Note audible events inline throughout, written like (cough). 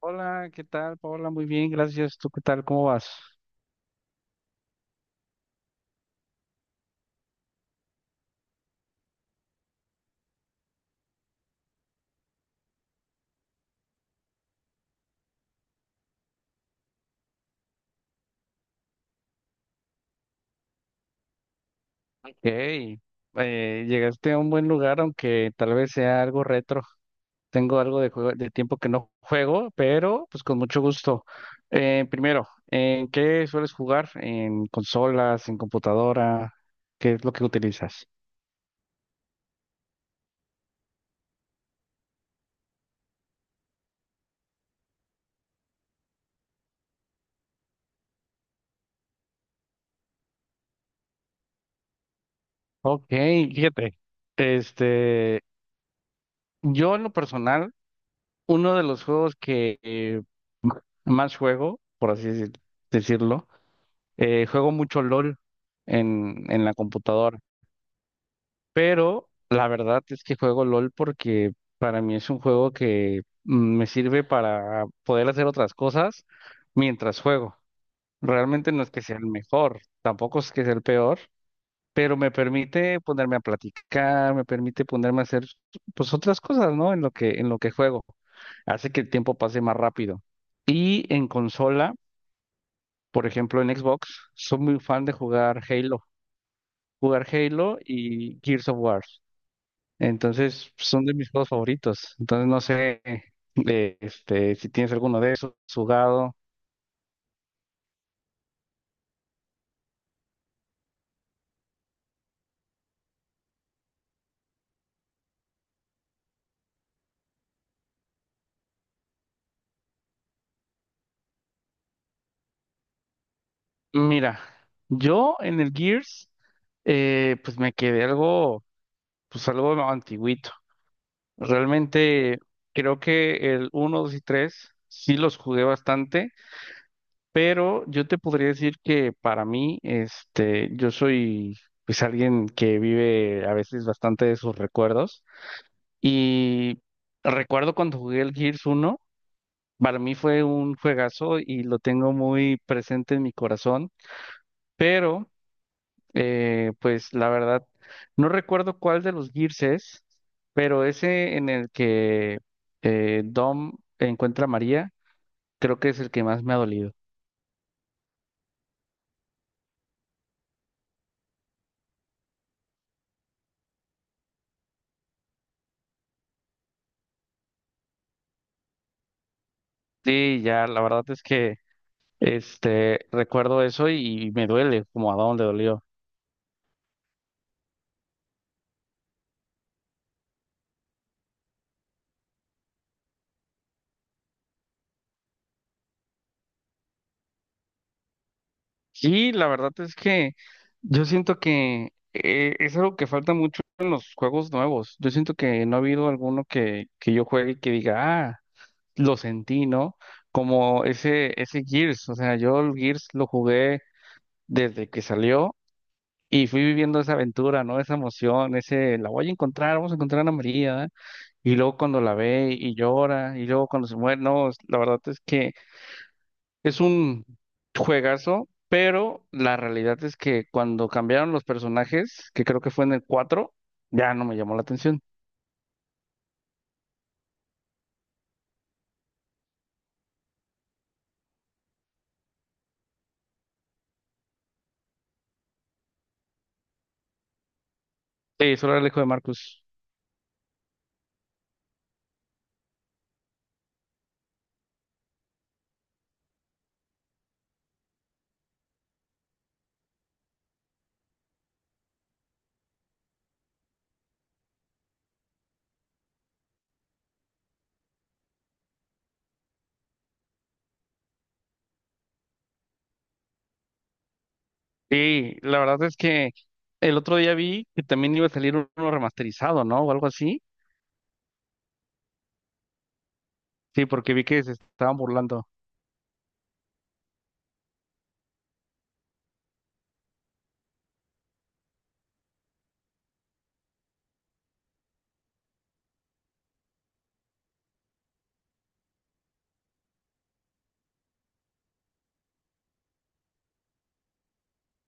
Hola, ¿qué tal, Paola? Muy bien, gracias. ¿Tú qué tal? ¿Cómo vas? Hey, llegaste a un buen lugar, aunque tal vez sea algo retro. Tengo algo de tiempo que no juego, pero pues con mucho gusto. Primero, ¿en qué sueles jugar? ¿En consolas, en computadora? ¿Qué es lo que utilizas? Ok, fíjate. Este, yo en lo personal, uno de los juegos que más juego, por decirlo, juego mucho LOL en la computadora, pero la verdad es que juego LOL porque para mí es un juego que me sirve para poder hacer otras cosas mientras juego. Realmente no es que sea el mejor, tampoco es que sea el peor, pero me permite ponerme a platicar, me permite ponerme a hacer pues otras cosas, ¿no? En lo que juego. Hace que el tiempo pase más rápido. Y en consola, por ejemplo en Xbox, soy muy fan de jugar Halo. Jugar Halo y Gears of War. Entonces, son de mis juegos favoritos. Entonces, no sé, si tienes alguno de esos jugado. Mira, yo en el Gears, pues me quedé algo, pues algo antiguito. Realmente creo que el uno, 2 y 3 sí los jugué bastante, pero yo te podría decir que para mí, yo soy pues alguien que vive a veces bastante de sus recuerdos. Y recuerdo cuando jugué el Gears uno para mí fue un juegazo y lo tengo muy presente en mi corazón, pero pues la verdad, no recuerdo cuál de los Gears es, pero ese en el que Dom encuentra a María, creo que es el que más me ha dolido. Sí, ya, la verdad es que este recuerdo eso y me duele como a Dom le dolió. Sí, la verdad es que yo siento que es algo que falta mucho en los juegos nuevos. Yo siento que no ha habido alguno que yo juegue y que diga, ah, lo sentí, ¿no? Como ese Gears. O sea, yo el Gears lo jugué desde que salió y fui viviendo esa aventura, ¿no? Esa emoción, ese, la voy a encontrar, vamos a encontrar a Ana María. Y luego cuando la ve y llora, y luego cuando se muere, no, la verdad es que es un juegazo, pero la realidad es que cuando cambiaron los personajes, que creo que fue en el 4 ya no me llamó la atención. Sí, solo era el hijo de Marcus. Y la verdad es que el otro día vi que también iba a salir uno remasterizado, ¿no? O algo así. Sí, porque vi que se estaban burlando.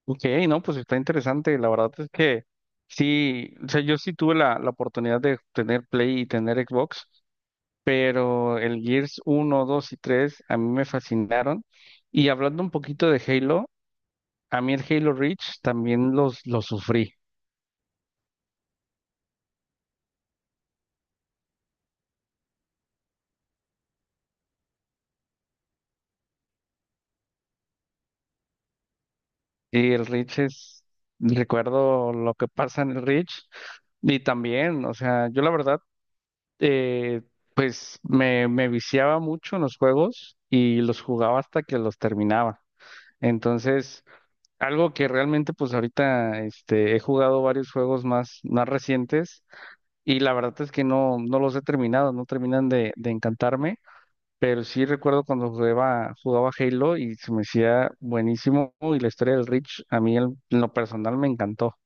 Ok, no, pues está interesante. La verdad es que sí, o sea, yo sí tuve la oportunidad de tener Play y tener Xbox. Pero el Gears uno 2 y 3 a mí me fascinaron. Y hablando un poquito de Halo, a mí el Halo Reach también lo sufrí. Y el Reach es, recuerdo lo que pasa en el Reach. Y también, o sea, yo la verdad, eh, pues me viciaba mucho en los juegos y los jugaba hasta que los terminaba. Entonces, algo que realmente pues ahorita he jugado varios juegos más, más recientes. Y la verdad es que no, no los he terminado, no terminan de encantarme, pero sí recuerdo cuando jugaba Halo y se me hacía buenísimo y la historia del Reach a mí en lo personal me encantó.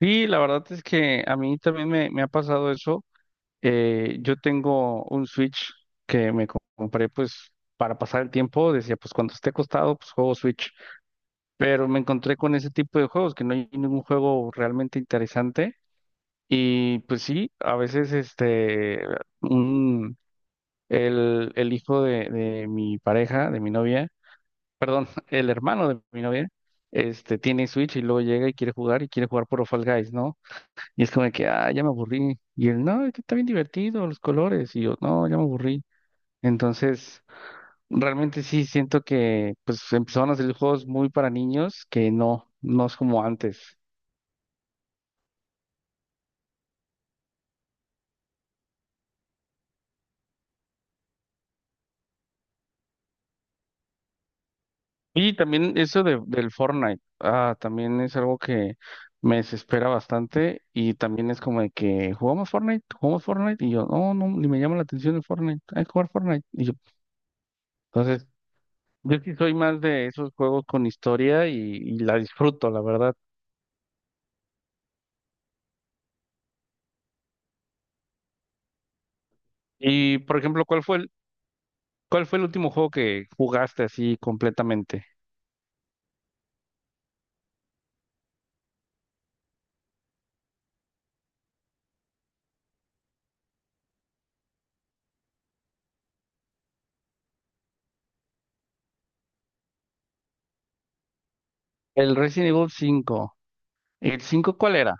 Y la verdad es que a mí también me ha pasado eso. Yo tengo un Switch que me compré pues para pasar el tiempo, decía pues cuando esté acostado pues juego Switch, pero me encontré con ese tipo de juegos que no hay ningún juego realmente interesante. Y pues sí, a veces un, el hijo de mi pareja, de mi novia, perdón, (laughs) el hermano de mi novia, tiene Switch y luego llega y quiere jugar por Fall Guys, ¿no? Y es como de que, ah, ya me aburrí. Y él, no, es que está bien divertido, los colores. Y yo, no, ya me aburrí. Entonces, realmente sí siento que, pues, empezaron a hacer juegos muy para niños que no, no es como antes. Y también eso del Fortnite, ah, también es algo que me desespera bastante y también es como de que jugamos Fortnite y yo, no, no, ni me llama la atención el Fortnite, hay que jugar Fortnite. Y yo, entonces, yo sí soy más de esos juegos con historia y la disfruto, la verdad. Y, por ejemplo, ¿cuál fue el último juego que jugaste así completamente? El Resident Evil cinco. ¿El 5 cuál era?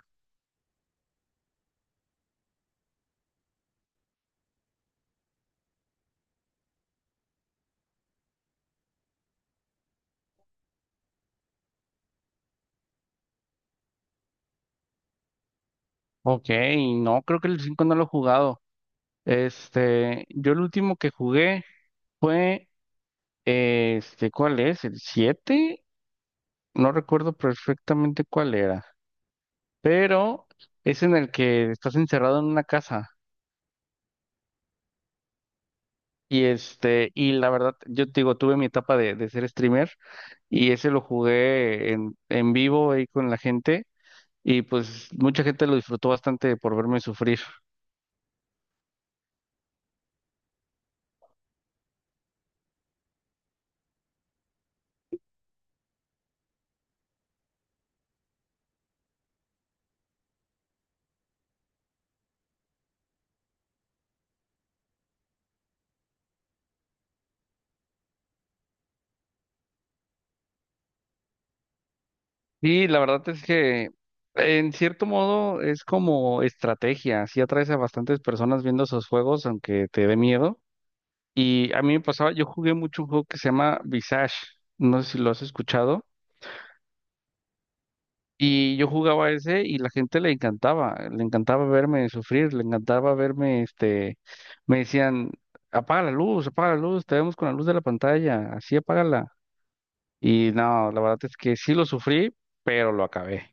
Ok, no, creo que el 5 no lo he jugado. Este, yo el último que jugué... Fue, ¿cuál es? ¿El siete? No recuerdo perfectamente cuál era, pero es en el que estás encerrado en una casa. Y este, y la verdad, yo te digo, tuve mi etapa de ser streamer y ese lo jugué en vivo ahí con la gente y pues mucha gente lo disfrutó bastante por verme sufrir. Y la verdad es que en cierto modo es como estrategia, sí atraes a bastantes personas viendo esos juegos, aunque te dé miedo. Y a mí me pasaba, yo jugué mucho un juego que se llama Visage, no sé si lo has escuchado. Y yo jugaba ese y la gente le encantaba verme sufrir, le encantaba verme, me decían, apaga la luz, te vemos con la luz de la pantalla, así apágala. Y no, la verdad es que sí lo sufrí, pero lo acabé.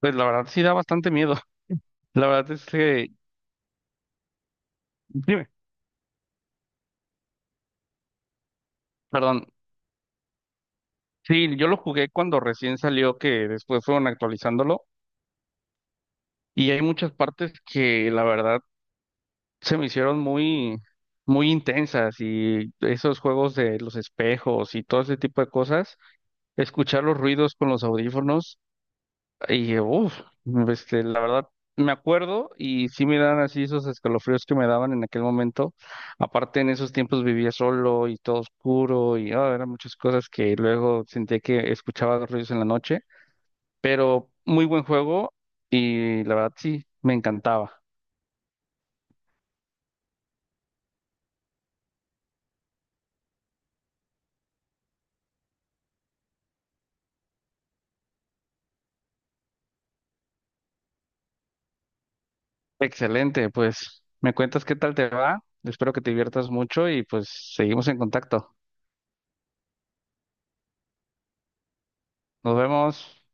Pues la verdad sí da bastante miedo. (laughs) La verdad es que, dime, perdón, sí, yo lo jugué cuando recién salió, que después fueron actualizándolo, y hay muchas partes que la verdad se me hicieron muy, muy intensas y esos juegos de los espejos y todo ese tipo de cosas, escuchar los ruidos con los audífonos y uff, este, la- me acuerdo y sí me dan así esos escalofríos que me daban en aquel momento. Aparte en esos tiempos vivía solo y todo oscuro y ah, eran muchas cosas que luego sentía que escuchaba los ruidos en la noche, pero muy buen juego y la verdad sí, me encantaba. Excelente, pues me cuentas qué tal te va. Espero que te diviertas mucho y pues seguimos en contacto. Nos vemos.